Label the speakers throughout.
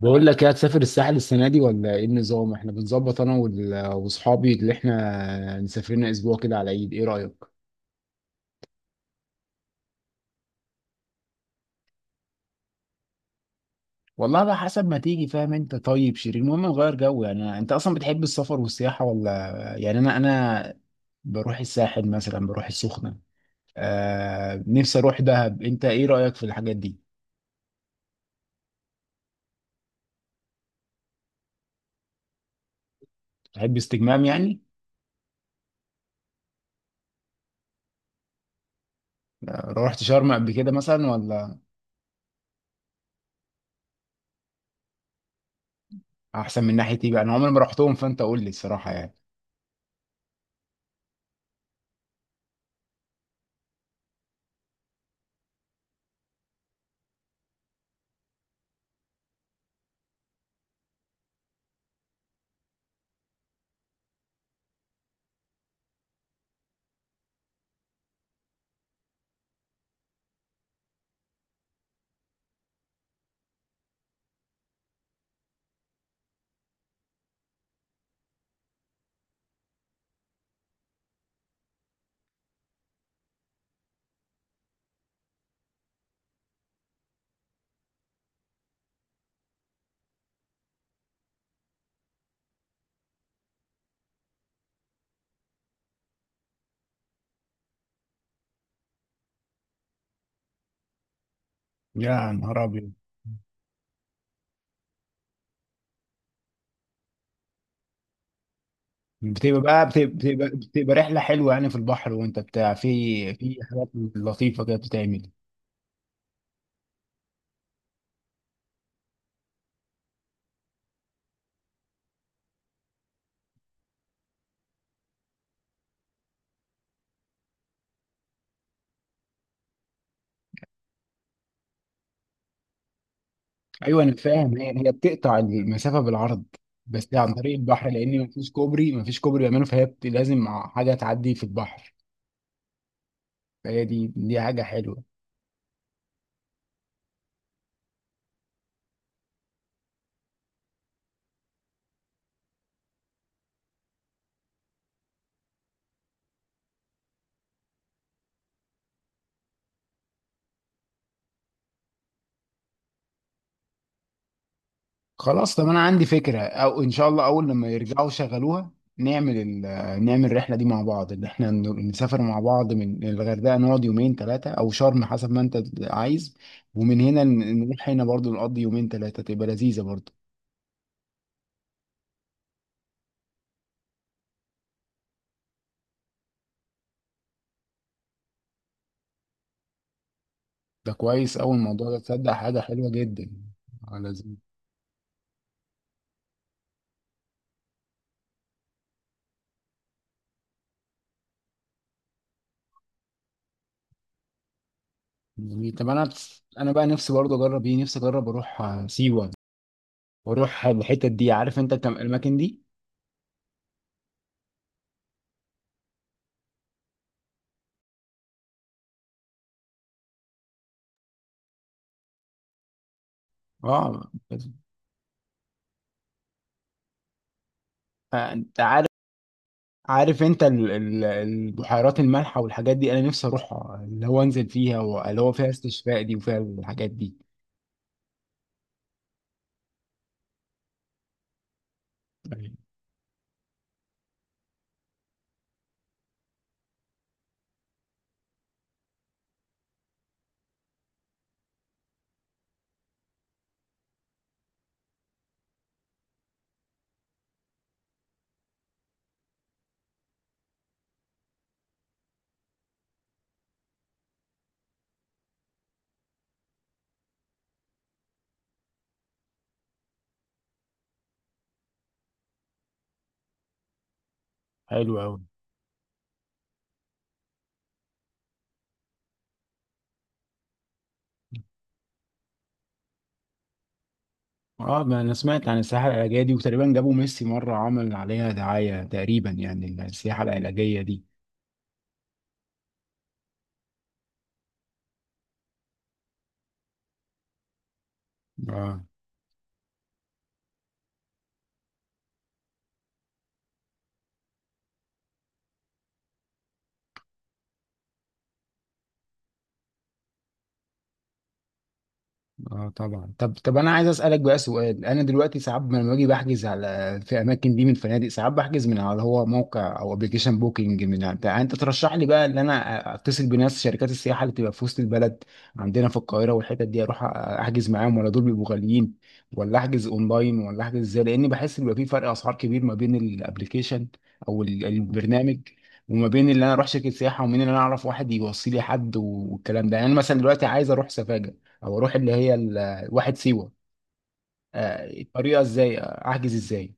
Speaker 1: بقول لك ايه، هتسافر الساحل السنه دي ولا ايه النظام؟ احنا بنظبط انا واصحابي اللي احنا مسافرين اسبوع كده على العيد، ايه رايك؟ والله بقى حسب ما تيجي، فاهم انت طيب شيرين؟ المهم نغير جو. يعني انت اصلا بتحب السفر والسياحه ولا؟ يعني انا بروح الساحل مثلا، بروح السخنه. آه نفسي اروح دهب، انت ايه رايك في الحاجات دي؟ تحب استجمام يعني؟ روحت شرم قبل كده مثلا ولا؟ احسن من ناحيه ايه بقى؟ انا عمري ما رحتهم، فانت قول لي الصراحه يعني. يا نهار أبيض! بتبقى بقى بتبقى, بتبقى, بتبقى رحلة حلوة يعني في البحر وانت بتاع، في في حاجات لطيفة كده بتتعمل. ايوه انا فاهم، هي بتقطع المسافة بالعرض بس عن طريق البحر، لان مفيش كوبري، مفيش كوبري بيعمله، فهي لازم حاجة تعدي في البحر. فهي دي حاجة حلوة. خلاص، طب انا عندي فكره، او ان شاء الله اول لما يرجعوا يشغلوها نعمل نعمل الرحله دي مع بعض، ان احنا نسافر مع بعض من الغردقه، نقعد يومين ثلاثه او شرم حسب ما انت عايز، ومن هنا نروح هنا برضو، نقضي يومين ثلاثه، تبقى لذيذه برضو. ده كويس، اول الموضوع ده، تصدق حاجه حلوه جدا. آه، لذيذ. جميل. طب انا، انا بقى نفسي برضو اجرب ايه، نفسي اجرب اروح سيوه واروح الحتت دي، عارف انت الاماكن دي؟ اه. آه، انت عارف، عارف انت البحيرات المالحه والحاجات دي، انا نفسي اروحها، اللي هو انزل فيها، واللي هو فيها استشفاء دي، وفيها الحاجات دي. أيوة. حلو أوي. اه، ما انا سمعت عن السياحه العلاجيه دي، وتقريبا جابوا ميسي مره عمل عليها دعايه تقريبا، يعني السياحه العلاجيه دي. اه. اه طبعا. طب، انا عايز اسالك بقى سؤال. انا دلوقتي ساعات لما باجي بحجز على، في اماكن دي من فنادق، ساعات بحجز من على، هو موقع او ابلكيشن بوكينج من بتاع، انت ترشح لي بقى ان انا اتصل بناس شركات السياحه اللي بتبقى في وسط البلد عندنا في القاهره والحتت دي، اروح احجز معاهم، ولا دول بيبقوا غاليين، ولا احجز اونلاين، ولا احجز ازاي؟ لاني بحس ان بيبقى في فرق اسعار كبير ما بين الابلكيشن او البرنامج، وما بين اللي انا اروح شركه سياحه، ومين اللي انا اعرف واحد يوصي لي حد والكلام ده. يعني انا مثلا دلوقتي عايز اروح سفاجه، او اروح اللي هي واحد سيوه، الطريقه ازاي، احجز ازاي؟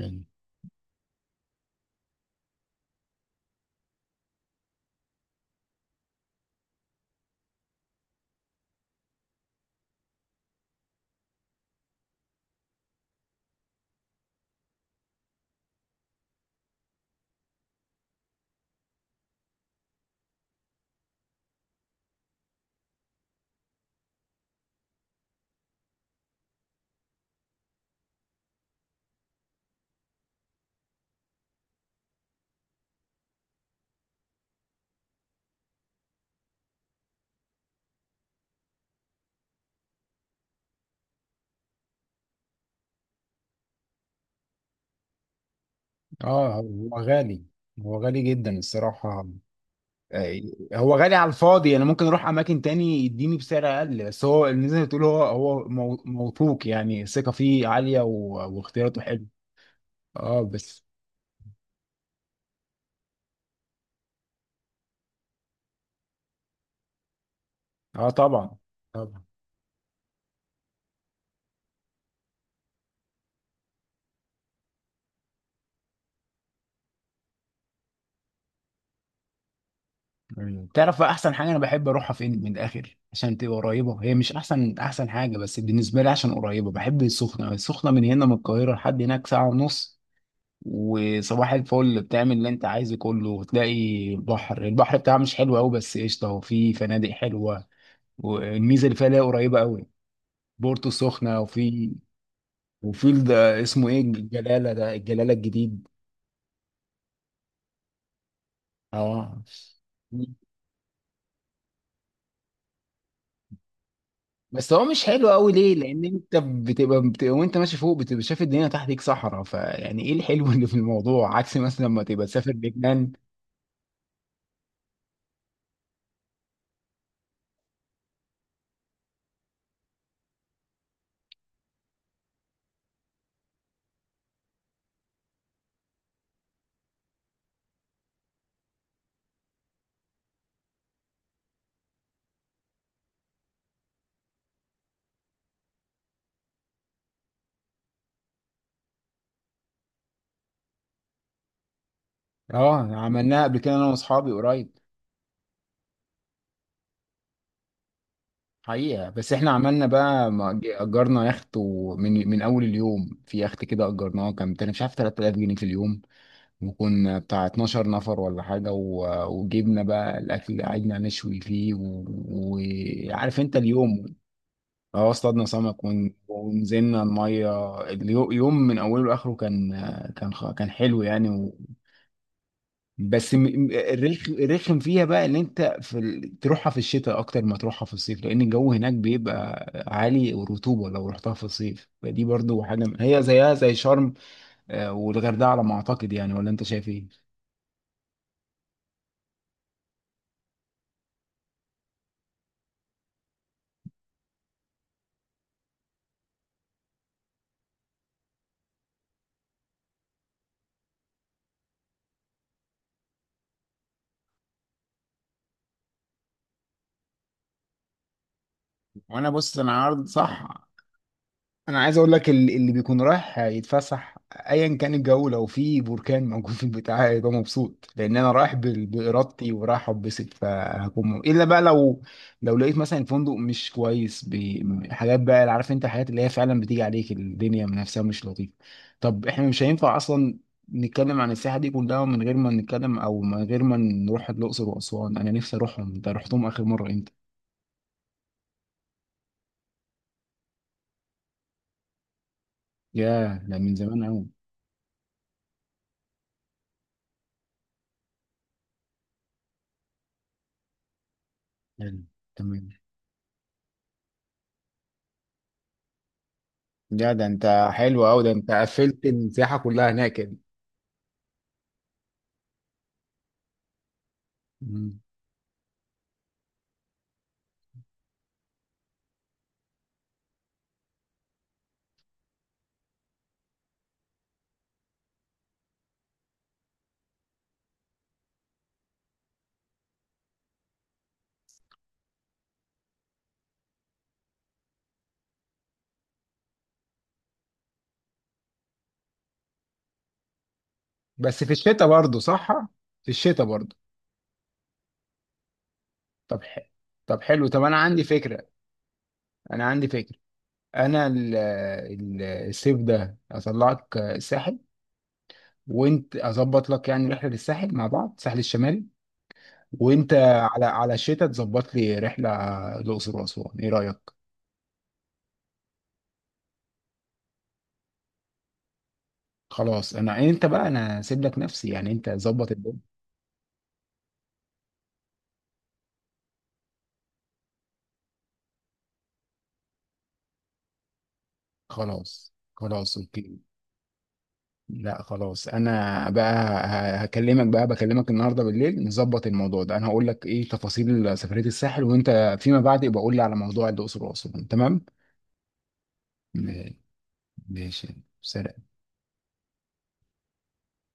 Speaker 1: يعني اه، هو غالي، هو غالي جدا الصراحة. آه، هو غالي على الفاضي. انا ممكن اروح اماكن تاني يديني بسعر اقل، بس هو اللي زي ما بتقول، هو موثوق يعني، الثقة فيه عالية واختياراته حلو. اه بس. اه طبعا. طبعا. مم. تعرف بقى احسن حاجه انا بحب اروحها فين من الاخر، عشان تبقى قريبه، هي مش احسن حاجه، بس بالنسبه لي عشان قريبه، بحب السخنه. السخنه من هنا من القاهره لحد هناك ساعه ونص، وصباح الفل بتعمل اللي انت عايزه كله، وتلاقي بحر، البحر بتاعها مش حلو قوي بس قشطه، وفي فنادق حلوه، والميزه اللي فيها اللي هي قريبه قوي. بورتو السخنه، وفي وفي ده اسمه ايه، الجلاله، ده الجلاله الجديد. اه. بس هو مش حلو قوي. ليه؟ لان انت بتبقى وانت ماشي فوق، بتبقى شايف الدنيا تحتك صحراء، فيعني ايه الحلو اللي في الموضوع؟ عكس مثلا لما تبقى تسافر لبنان. اه، عملناها قبل كده انا واصحابي قريب. حقيقة، بس احنا عملنا بقى، ما اجرنا يخت، ومن اول اليوم في يخت كده، اجرناه كان مش عارف 3000 جنيه في اليوم، وكنا بتاع 12 نفر ولا حاجة، وجبنا بقى الاكل، قعدنا نشوي فيه وعارف، وعارف انت اليوم. اه اصطادنا سمك، ونزلنا الميه، اليوم من اوله لاخره كان، كان كان حلو يعني و... بس الرخم فيها بقى، ان انت في تروحها في الشتاء اكتر ما تروحها في الصيف، لان الجو هناك بيبقى عالي والرطوبه، لو رحتها في الصيف فدي برضو حاجه، هي زيها زي شرم، آه، والغردقه على ما اعتقد يعني، ولا انت شايف ايه؟ وانا بص انا عارض صح. انا عايز اقول لك اللي بيكون رايح يتفسح، ايا كان الجو، لو في بركان موجود في البتاع هيبقى مبسوط، لان انا رايح بارادتي، ورايح اتبسط، فهكون، الا بقى لو، لو لقيت مثلا الفندق مش كويس بحاجات بقى، اللي عارف انت الحاجات اللي هي فعلا بتيجي عليك الدنيا من نفسها مش لطيفه. طب احنا مش هينفع اصلا نتكلم عن السياحه دي كلها من غير ما نتكلم، او من غير ما نروح الاقصر واسوان، انا نفسي اروحهم. انت رحتهم اخر مره امتى؟ ياه، ده من زمان قوي. حلو، تمام. يا ده انت حلو قوي، ده انت قفلت السياحه كلها هناك كده. مم. بس في الشتاء برضه، صح؟ في الشتاء برضه. طب ح... طب حلو، طب انا عندي فكره، انا عندي فكره انا الصيف ده اطلعك الساحل، وانت اظبط لك يعني رحله للساحل مع بعض، الساحل الشمالي، وانت على، على الشتاء تظبط لي رحله الاقصر واسوان، ايه رايك؟ خلاص، انا انت بقى، انا سيب لك نفسي يعني، انت ظبط الدنيا. خلاص اوكي. لا خلاص انا بقى، هكلمك بقى، بكلمك النهارده بالليل نظبط الموضوع ده، انا هقول لك ايه تفاصيل سفريه الساحل، وانت فيما بعد يبقى قول لي على موضوع الاقصر واسوان، تمام؟ م- ماشي، سلام.